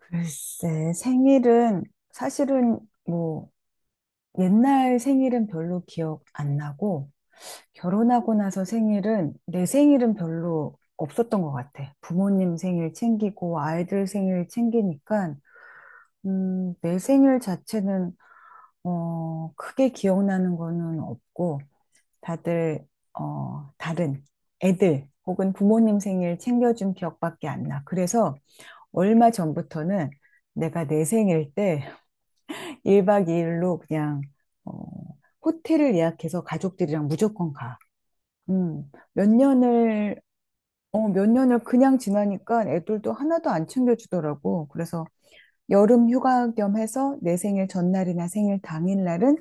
글쎄, 생일은 사실은 뭐 옛날 생일은 별로 기억 안 나고 결혼하고 나서 생일은 내 생일은 별로 없었던 것 같아. 부모님 생일 챙기고 아이들 생일 챙기니까 내 생일 자체는 크게 기억나는 거는 없고 다들 다른 애들 혹은 부모님 생일 챙겨준 기억밖에 안 나. 그래서 얼마 전부터는 내가 내 생일 때 1박 2일로 그냥 어, 호텔을 예약해서 가족들이랑 무조건 가. 음, 몇 년을 몇 년을 그냥 지나니까 애들도 하나도 안 챙겨주더라고. 그래서 여름 휴가 겸 해서 내 생일 전날이나 생일 당일날은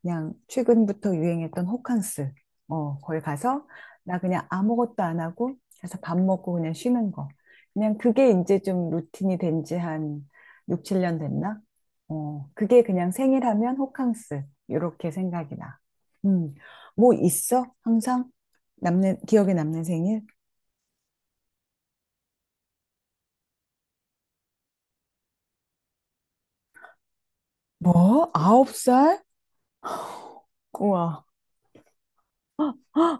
그냥 최근부터 유행했던 호캉스. 거기 가서 나 그냥 아무것도 안 하고 가서 밥 먹고 그냥 쉬는 거. 그냥 그게 이제 좀 루틴이 된지 한 6, 7년 됐나? 그게 그냥 생일하면 호캉스. 요렇게 생각이 나. 음, 뭐 있어? 항상? 남는, 기억에 남는 생일? 뭐? 9살? 우와.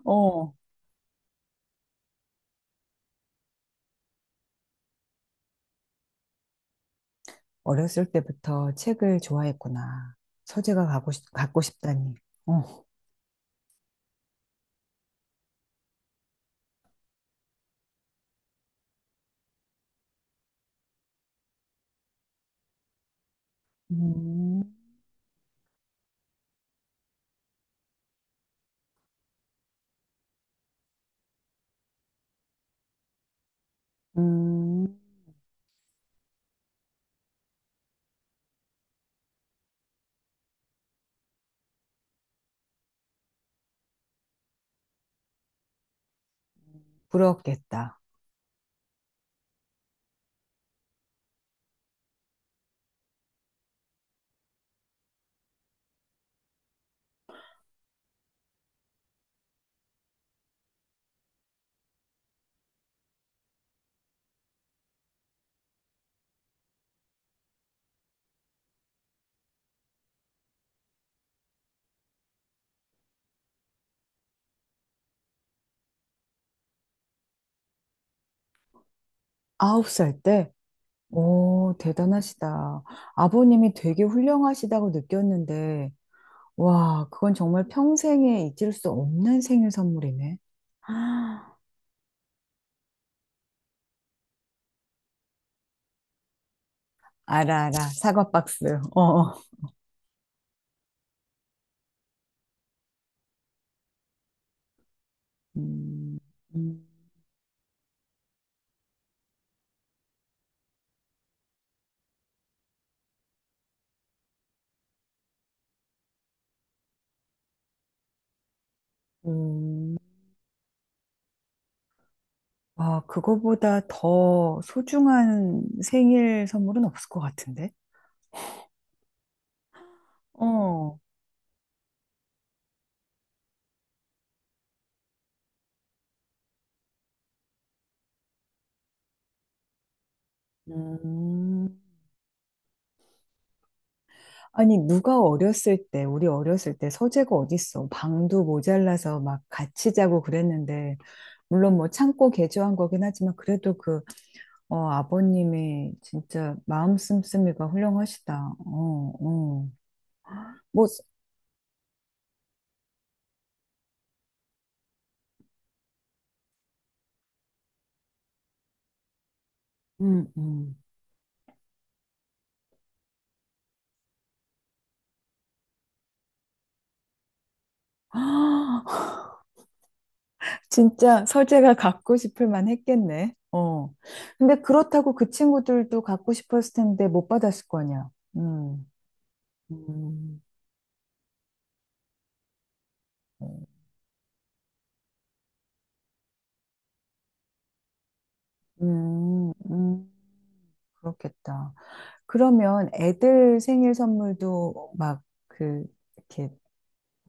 어, 어렸을 때부터 책을 좋아했구나. 서재가 갖고 싶다니. 어. 음. 음, 부럽겠다. 아홉 살 때? 오, 대단하시다. 아버님이 되게 훌륭하시다고 느꼈는데, 와, 그건 정말 평생에 잊을 수 없는 생일 선물이네. 아, 알아, 알아. 사과 박스. 어. 어. 음, 음, 음. 아, 그거보다 더 소중한 생일 선물은 없을 것 같은데? 어. 음. 아니, 누가 어렸을 때, 우리 어렸을 때 서재가 어딨어. 방도 모자라서 막 같이 자고 그랬는데, 물론 뭐 참고 개조한 거긴 하지만, 그래도 아버님이 진짜 마음 씀씀이가 훌륭하시다. 어, 어. 뭐, 음. 진짜 서재가 갖고 싶을 만 했겠네. 어. 근데 그렇다고 그 친구들도 갖고 싶었을 텐데 못 받았을 거 아니야. 음. 음. 음, 음, 그렇겠다. 그러면 애들 생일 선물도 막 그, 이렇게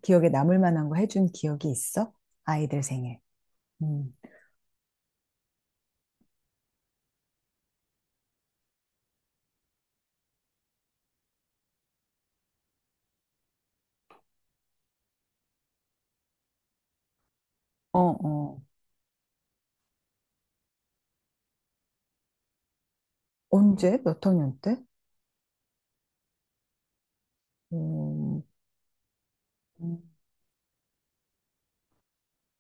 기억에 남을 만한 거 해준 기억이 있어? 아이들 생일. 음. 어, 어. 언제? 몇 학년 때? 음, 음.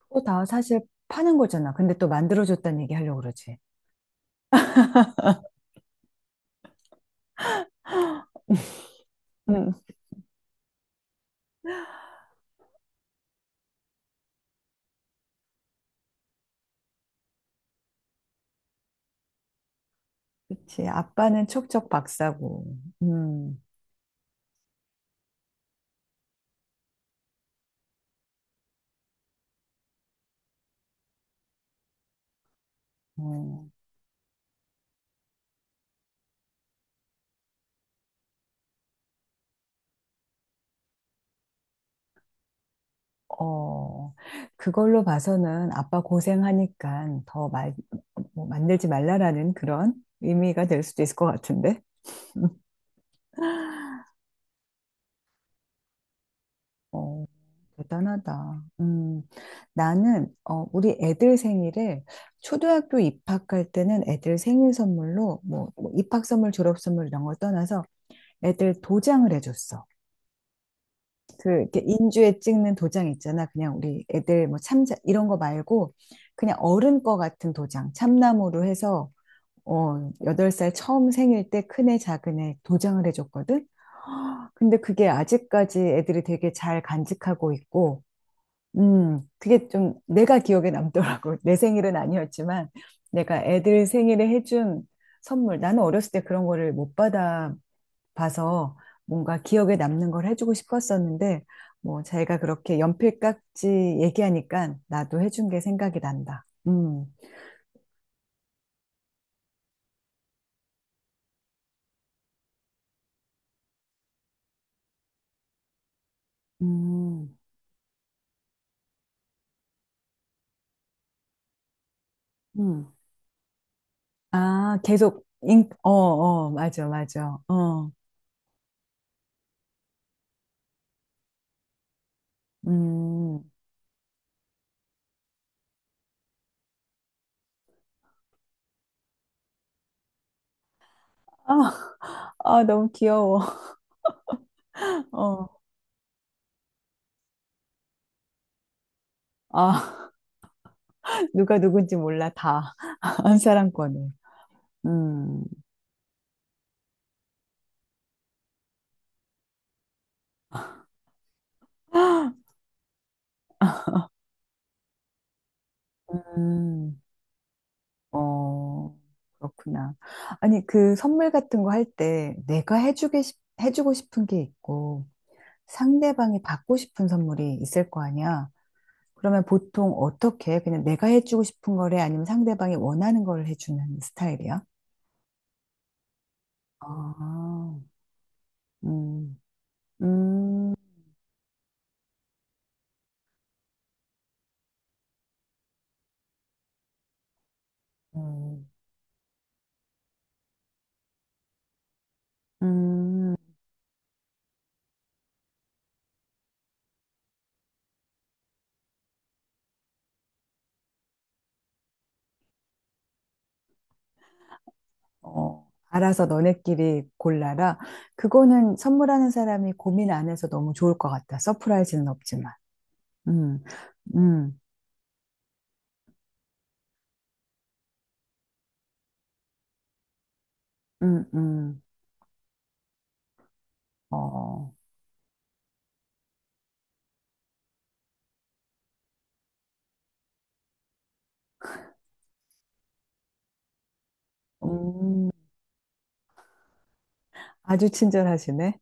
그거 다 사실 파는 거잖아. 근데 또 만들어줬다는 얘기 하려고 그러지. 응. 그치. 아빠는 척척 박사고. 음, 어, 어. 그걸로 봐서는 아빠 고생하니까 더 말, 뭐 만들지 말라라는 그런 의미가 될 수도 있을 것 같은데. 어, 대단하다. 나는, 우리 애들 생일을 초등학교 입학할 때는 애들 생일 선물로, 뭐, 입학 선물, 졸업 선물 이런 걸 떠나서 애들 도장을 해줬어. 이렇게 인주에 찍는 도장 있잖아. 그냥 우리 애들 뭐 참자, 이런 거 말고, 그냥 어른 거 같은 도장, 참나무로 해서, 8살 처음 생일 때 큰애, 작은애 도장을 해줬거든? 근데 그게 아직까지 애들이 되게 잘 간직하고 있고, 그게 좀 내가 기억에 남더라고. 내 생일은 아니었지만 내가 애들 생일에 해준 선물. 나는 어렸을 때 그런 거를 못 받아 봐서 뭔가 기억에 남는 걸 해주고 싶었었는데 뭐 자기가 그렇게 연필 깎지 얘기하니까 나도 해준 게 생각이 난다. 음, 음. 아, 어, 어, 맞아, 맞아. 어, 음. 아, 아, 너무 귀여워. 어, 아. 누가 누군지 몰라, 다. 한 사람권을 음. 음, 어, 그렇구나. 아니, 그 선물 같은 거 할 때 내가 해주고 싶은 게 있고 상대방이 받고 싶은 선물이 있을 거 아니야. 그러면 보통 어떻게 해? 그냥 내가 해주고 싶은 거래 아니면 상대방이 원하는 걸 해주는 스타일이야? 아, 음, 음, 음, 음. 알아서 너네끼리 골라라. 그거는 선물하는 사람이 고민 안 해서 너무 좋을 것 같다. 서프라이즈는 없지만. 음, 음, 음, 음, 어, 음, 아주 친절하시네.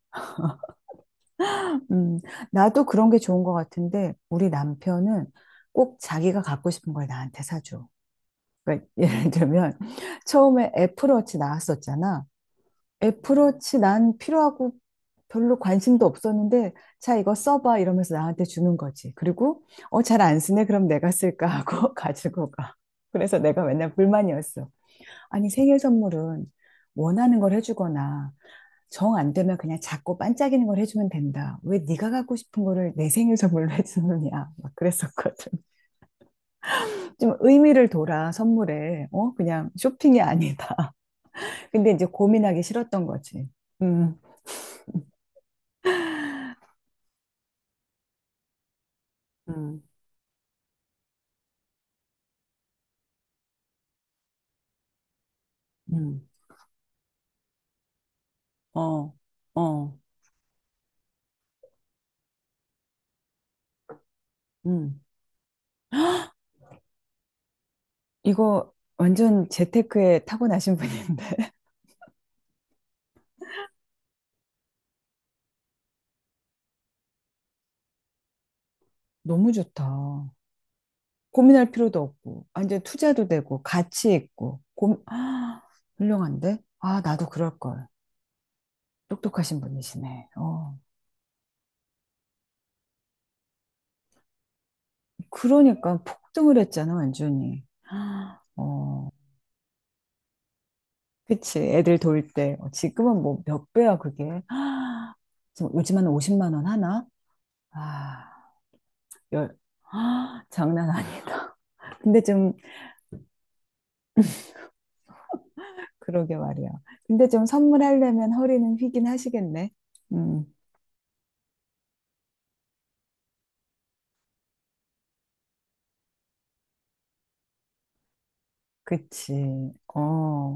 음, 나도 그런 게 좋은 것 같은데, 우리 남편은 꼭 자기가 갖고 싶은 걸 나한테 사줘. 그러니까 예를 들면, 처음에 애플워치 나왔었잖아. 애플워치 난 필요하고 별로 관심도 없었는데, 자, 이거 써봐. 이러면서 나한테 주는 거지. 그리고, 잘 안 쓰네. 그럼 내가 쓸까 하고 가지고 가. 그래서 내가 맨날 불만이었어. 아니, 생일 선물은 원하는 걸 해주거나, 정 안 되면 그냥 작고 반짝이는 걸 해주면 된다. 왜 네가 갖고 싶은 거를 내 생일 선물로 해주느냐. 막 그랬었거든. 좀 의미를 둬라, 선물에. 그냥 쇼핑이 아니다. 근데 이제 고민하기 싫었던 거지. 음, 음, 음. 어, 어, 음. 이거 완전 재테크에 타고나신 분인데. 너무 좋다. 고민할 필요도 없고, 완전 투자도 되고, 가치 있고, 아, 훌륭한데? 아, 나도 그럴걸. 똑똑하신 분이시네. 어. 그러니까 폭등을 했잖아, 완전히. 아, 어, 그치. 애들 돌 때. 지금은 뭐 몇 배야, 그게. 아, 지금 요즘 한 50만 원 하나? 아, 열, 아, 장난 아니다. 근데 좀 그러게 말이야. 근데 좀 선물하려면 허리는 휘긴 하시겠네. 음, 그치. 어,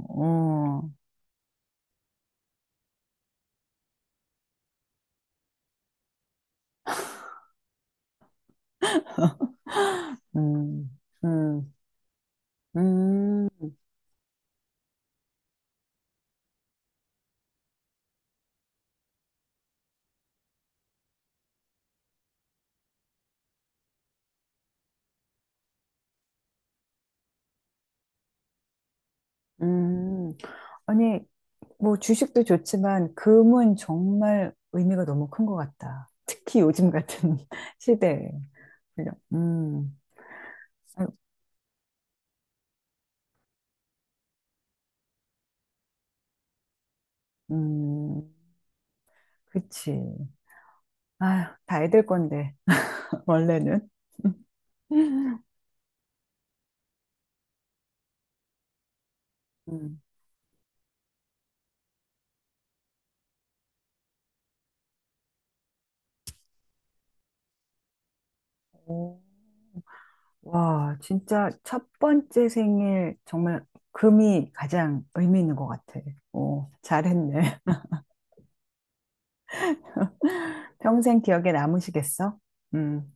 어, 음, 음, 음, 음. 아니, 뭐 주식도 좋지만 금은 정말 의미가 너무 큰 것 같다. 특히 요즘 같은 시대에. 그죠? 아유, 음, 그치. 아휴, 다 애들 건데, 원래는. 음. 오. 와, 진짜 첫 번째 생일 정말 금이 가장 의미 있는 것 같아. 오, 잘했네. 평생 기억에 남으시겠어? 음.